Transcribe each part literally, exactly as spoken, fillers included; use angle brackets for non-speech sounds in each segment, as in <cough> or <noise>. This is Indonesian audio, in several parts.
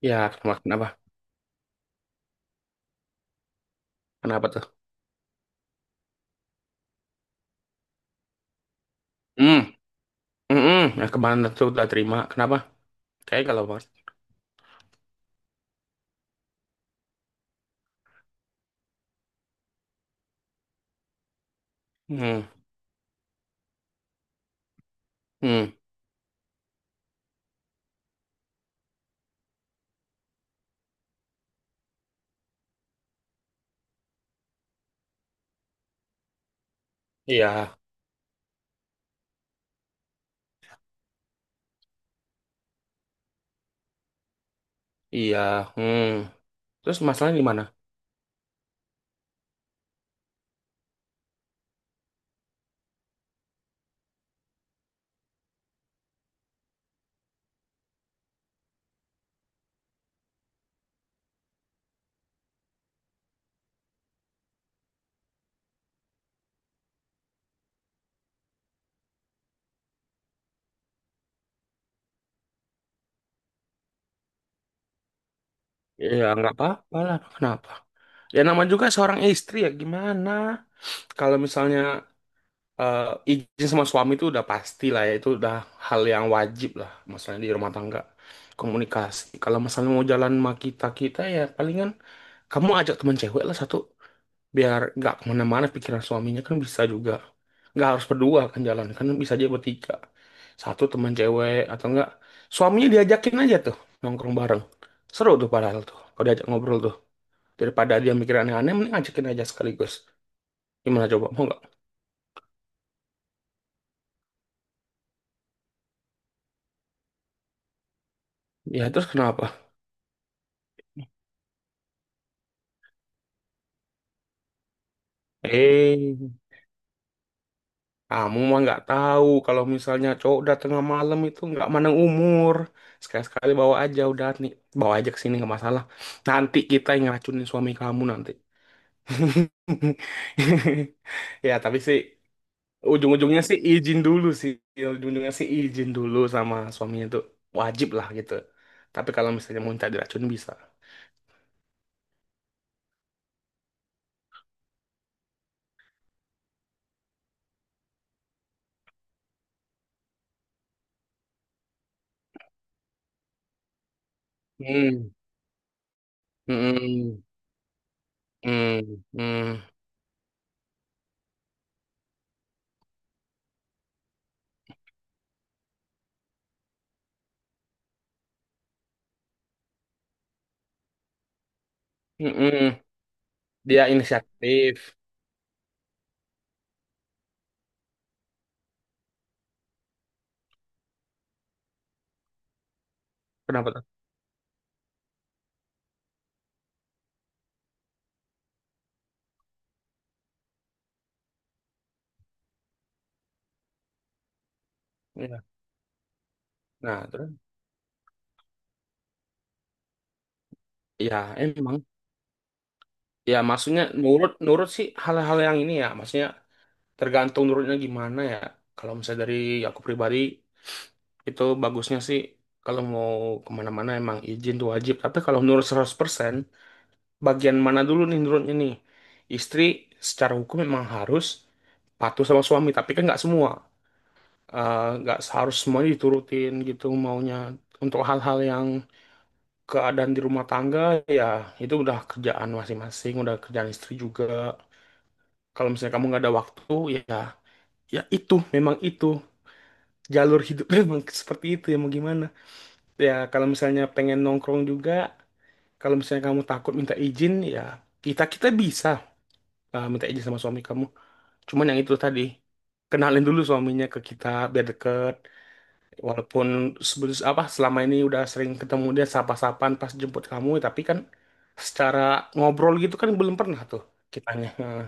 Ya, kenapa? Kenapa Kenapa tuh? Hmm, hmm, hmm. Nah, kemarin tuh udah terima. Kenapa? Kayak kalau mas. Hmm, hmm. Iya, iya, hmm. Terus masalahnya di mana? Ya, nggak apa-apa lah. Kenapa? Ya, nama juga seorang istri ya gimana? Kalau misalnya eh, izin sama suami itu udah pasti lah ya. Itu udah hal yang wajib lah. Masalahnya di rumah tangga. Komunikasi. Kalau misalnya mau jalan sama kita-kita ya palingan kamu ajak teman cewek lah satu, biar nggak kemana-mana pikiran suaminya. Kan bisa juga nggak harus berdua, kan jalan kan bisa aja bertiga, satu teman cewek. Atau enggak suaminya diajakin aja tuh nongkrong bareng, seru tuh padahal tuh kalau diajak ngobrol tuh. Daripada dia mikir aneh-aneh mending ajakin aja sekaligus. Gimana coba, mau nggak? Ya terus kenapa, eh kamu mah nggak tahu kalau misalnya cowok udah tengah malam itu nggak mandang umur. Sekali-sekali bawa aja udah nih, bawa aja ke sini nggak masalah, nanti kita yang ngeracunin suami kamu nanti. <laughs> Ya, tapi sih ujung-ujungnya sih izin dulu sih. Ujung-ujungnya sih izin dulu sama suaminya tuh wajib lah gitu. Tapi kalau misalnya mau minta diracun bisa. Hmm. Hmm. Hmm. Hmm. Hmm. Dia inisiatif. Kenapa tuh? Ya. Nah, terus ya emang. Ya maksudnya nurut nurut sih hal-hal yang ini ya. Maksudnya tergantung nurutnya gimana ya. Kalau misalnya dari aku pribadi, itu bagusnya sih kalau mau kemana-mana emang izin tuh wajib. Tapi kalau menurut seratus persen bagian mana dulu nih menurutnya nih? Istri secara hukum memang harus patuh sama suami, tapi kan nggak semua. Eh, Nggak harus semuanya diturutin gitu maunya. Untuk hal-hal yang keadaan di rumah tangga, ya itu udah kerjaan masing-masing, udah kerjaan istri juga. Kalau misalnya kamu nggak ada waktu, ya ya itu, memang itu. Jalur hidupnya <laughs> memang seperti itu, ya mau gimana. Ya, kalau misalnya pengen nongkrong juga, kalau misalnya kamu takut minta izin, ya kita kita bisa uh, minta izin sama suami kamu. Cuman yang itu tadi, kenalin dulu suaminya ke kita biar deket. Walaupun sebelum apa selama ini udah sering ketemu dia sapa-sapan pas jemput kamu, tapi kan secara ngobrol gitu kan belum pernah tuh kitanya. Nah,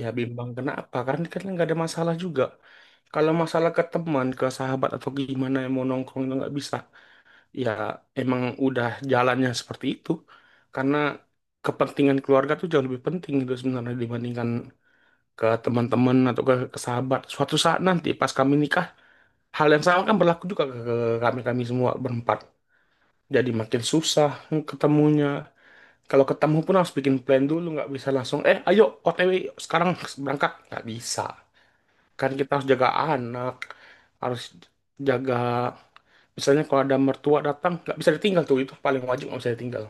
ya bimbang kenapa? Karena kan nggak ada masalah juga. Kalau masalah ke teman, ke sahabat atau gimana yang mau nongkrong itu nggak bisa. Ya emang udah jalannya seperti itu karena kepentingan keluarga tuh jauh lebih penting gitu sebenarnya, dibandingkan ke teman-teman atau ke, ke sahabat. Suatu saat nanti pas kami nikah hal yang sama kan berlaku juga ke, kami kami semua berempat. Jadi makin susah ketemunya, kalau ketemu pun harus bikin plan dulu. Nggak bisa langsung eh ayo O T W sekarang berangkat, nggak bisa. Kan kita harus jaga anak, harus jaga misalnya kalau ada mertua datang nggak bisa ditinggal tuh, itu paling wajib nggak bisa ditinggal.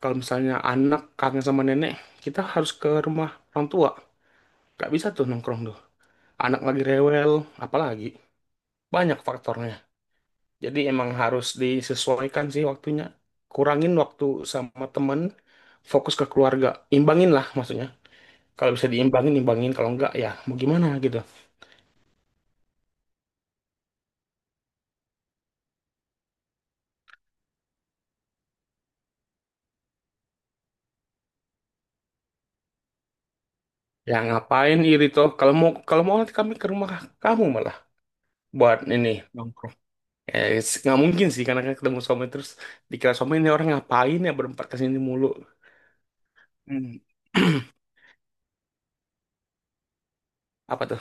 Kalau misalnya anak kangen sama nenek, kita harus ke rumah orang tua. Gak bisa tuh nongkrong tuh. Anak lagi rewel, apalagi. Banyak faktornya. Jadi emang harus disesuaikan sih waktunya. Kurangin waktu sama temen, fokus ke keluarga. Imbangin lah maksudnya. Kalau bisa diimbangin, imbangin. Kalau enggak, ya mau gimana gitu. Ya ngapain iri toh? Kalau mau kalau mau nanti kami ke rumah, kamu malah buat ini nongkrong. Eh, s- nggak mungkin sih karena kan ketemu suami terus dikira suami ini orang ngapain ya berempat kesini mulu. Hmm. <clears throat> Apa tuh?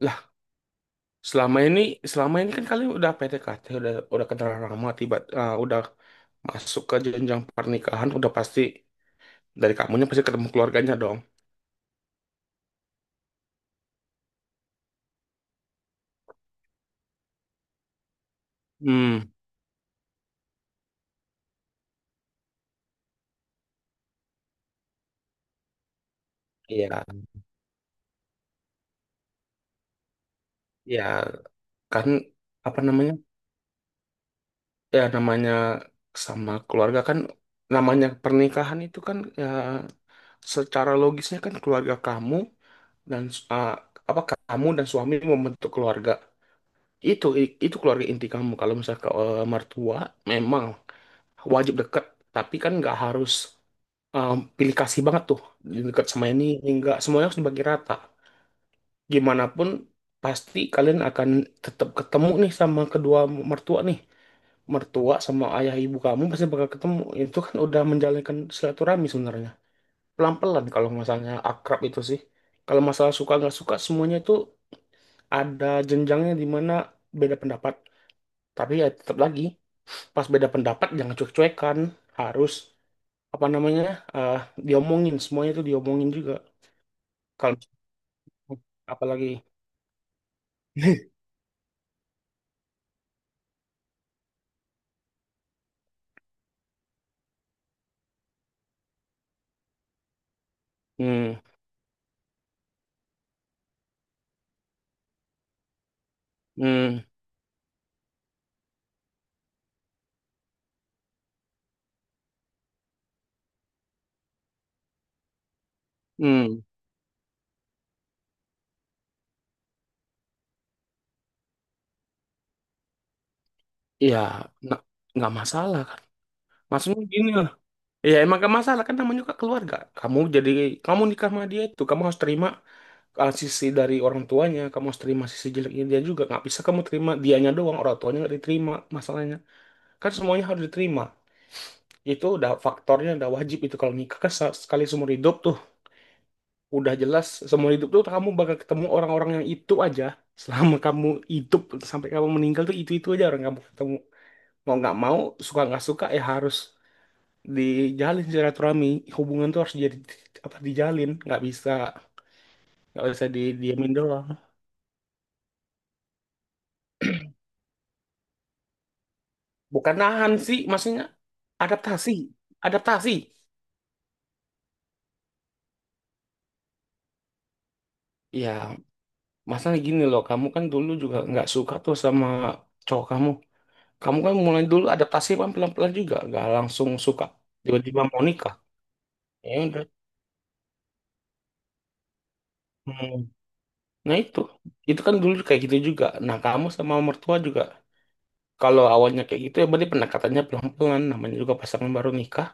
Lah, selama ini selama ini kan kalian udah P D K T, udah udah kenal lama, tiba eh, udah masuk ke jenjang pernikahan, udah pasti dari kamunya pasti ketemu keluarganya dong. Hmm, iya, iya kan apa namanya? Ya namanya sama keluarga kan, namanya pernikahan itu kan ya secara logisnya kan keluarga kamu dan eh, apa, kamu dan suami membentuk keluarga. Itu itu keluarga inti kamu. Kalau misal ke eh, mertua memang wajib deket, tapi kan nggak harus eh, pilih kasih banget tuh deket sama ini, ini nggak semuanya harus dibagi rata. Gimana pun pasti kalian akan tetap ketemu nih sama kedua mertua nih. Mertua sama ayah ibu kamu pasti bakal ketemu. Itu kan udah menjalankan silaturahmi sebenarnya. Pelan-pelan kalau masalahnya akrab itu sih. Kalau masalah suka nggak suka semuanya itu ada jenjangnya di mana beda pendapat. Tapi ya tetap lagi pas beda pendapat jangan cuek-cuekan, harus apa namanya eh diomongin, semuanya itu diomongin juga kalau apalagi. <laughs> Hmm. Hmm. Hmm. Ya nggak nggak masalah kan? Maksudnya gini lah, ya emang gak masalah kan, namanya juga keluarga kamu. Jadi kamu nikah sama dia itu kamu harus terima uh, sisi dari orang tuanya, kamu harus terima sisi jeleknya dia juga. Nggak bisa kamu terima dianya doang, orang tuanya nggak diterima. Masalahnya kan semuanya harus diterima. Itu udah faktornya, udah wajib itu kalau nikah kan se- sekali seumur hidup tuh. Udah jelas seumur hidup tuh kamu bakal ketemu orang-orang yang itu aja, selama kamu hidup sampai kamu meninggal tuh itu itu aja orang kamu ketemu. Mau nggak mau, suka nggak suka ya harus dijalin silaturahmi. Hubungan tuh harus jadi, apa, dijalin. Nggak bisa nggak bisa didiemin doang. Bukan nahan sih maksudnya, adaptasi, adaptasi. Ya masalah gini loh, kamu kan dulu juga nggak suka tuh sama cowok kamu. Kamu kan mulai dulu adaptasi kan pelan-pelan juga, nggak langsung suka. Tiba-tiba mau nikah. Ya udah. Hmm. Nah itu, itu kan dulu kayak gitu juga. Nah kamu sama mertua juga, kalau awalnya kayak gitu ya berarti pendekatannya pelan-pelan. Namanya juga pasangan baru nikah.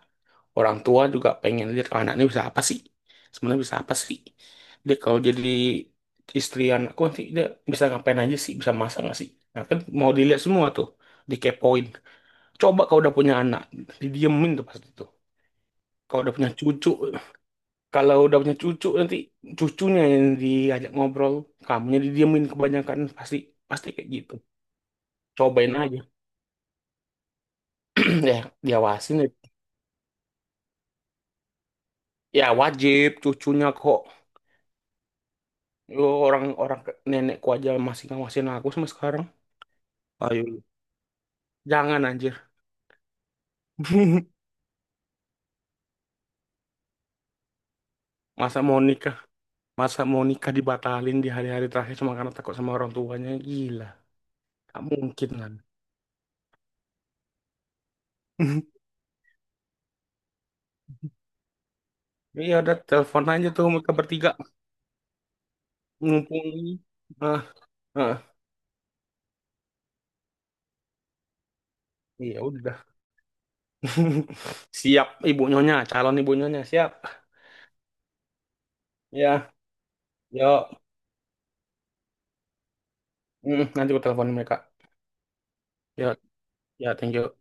Orang tua juga pengen lihat, oh, anaknya bisa apa sih. Sebenarnya bisa apa sih. Dia kalau jadi istri anakku nanti dia bisa ngapain aja sih, bisa masak nggak sih. Nah kan mau dilihat semua tuh, dikepoin. Coba kalau udah punya anak, didiemin tuh pas itu. Kalau udah punya cucu, kalau udah punya cucu nanti cucunya yang diajak ngobrol, kamunya didiemin kebanyakan pasti, pasti kayak gitu. Cobain aja. <clears throat> Ya, diawasin ya. Ya wajib cucunya kok. Yo, orang-orang ke- nenekku aja masih ngawasin aku sama sekarang. Ayo, jangan anjir. <laughs> Masa mau nikah, masa mau nikah dibatalin di hari-hari terakhir cuma karena takut sama orang tuanya. Gila, gak mungkin kan. <laughs> Ya udah telepon aja tuh mereka bertiga mumpung ini. Ah, ah. Iya udah. <laughs> Siap ibu nyonya, calon ibu nyonya siap. Ya, yuk. Mm, nanti aku teleponin mereka. Yuk, ya thank you.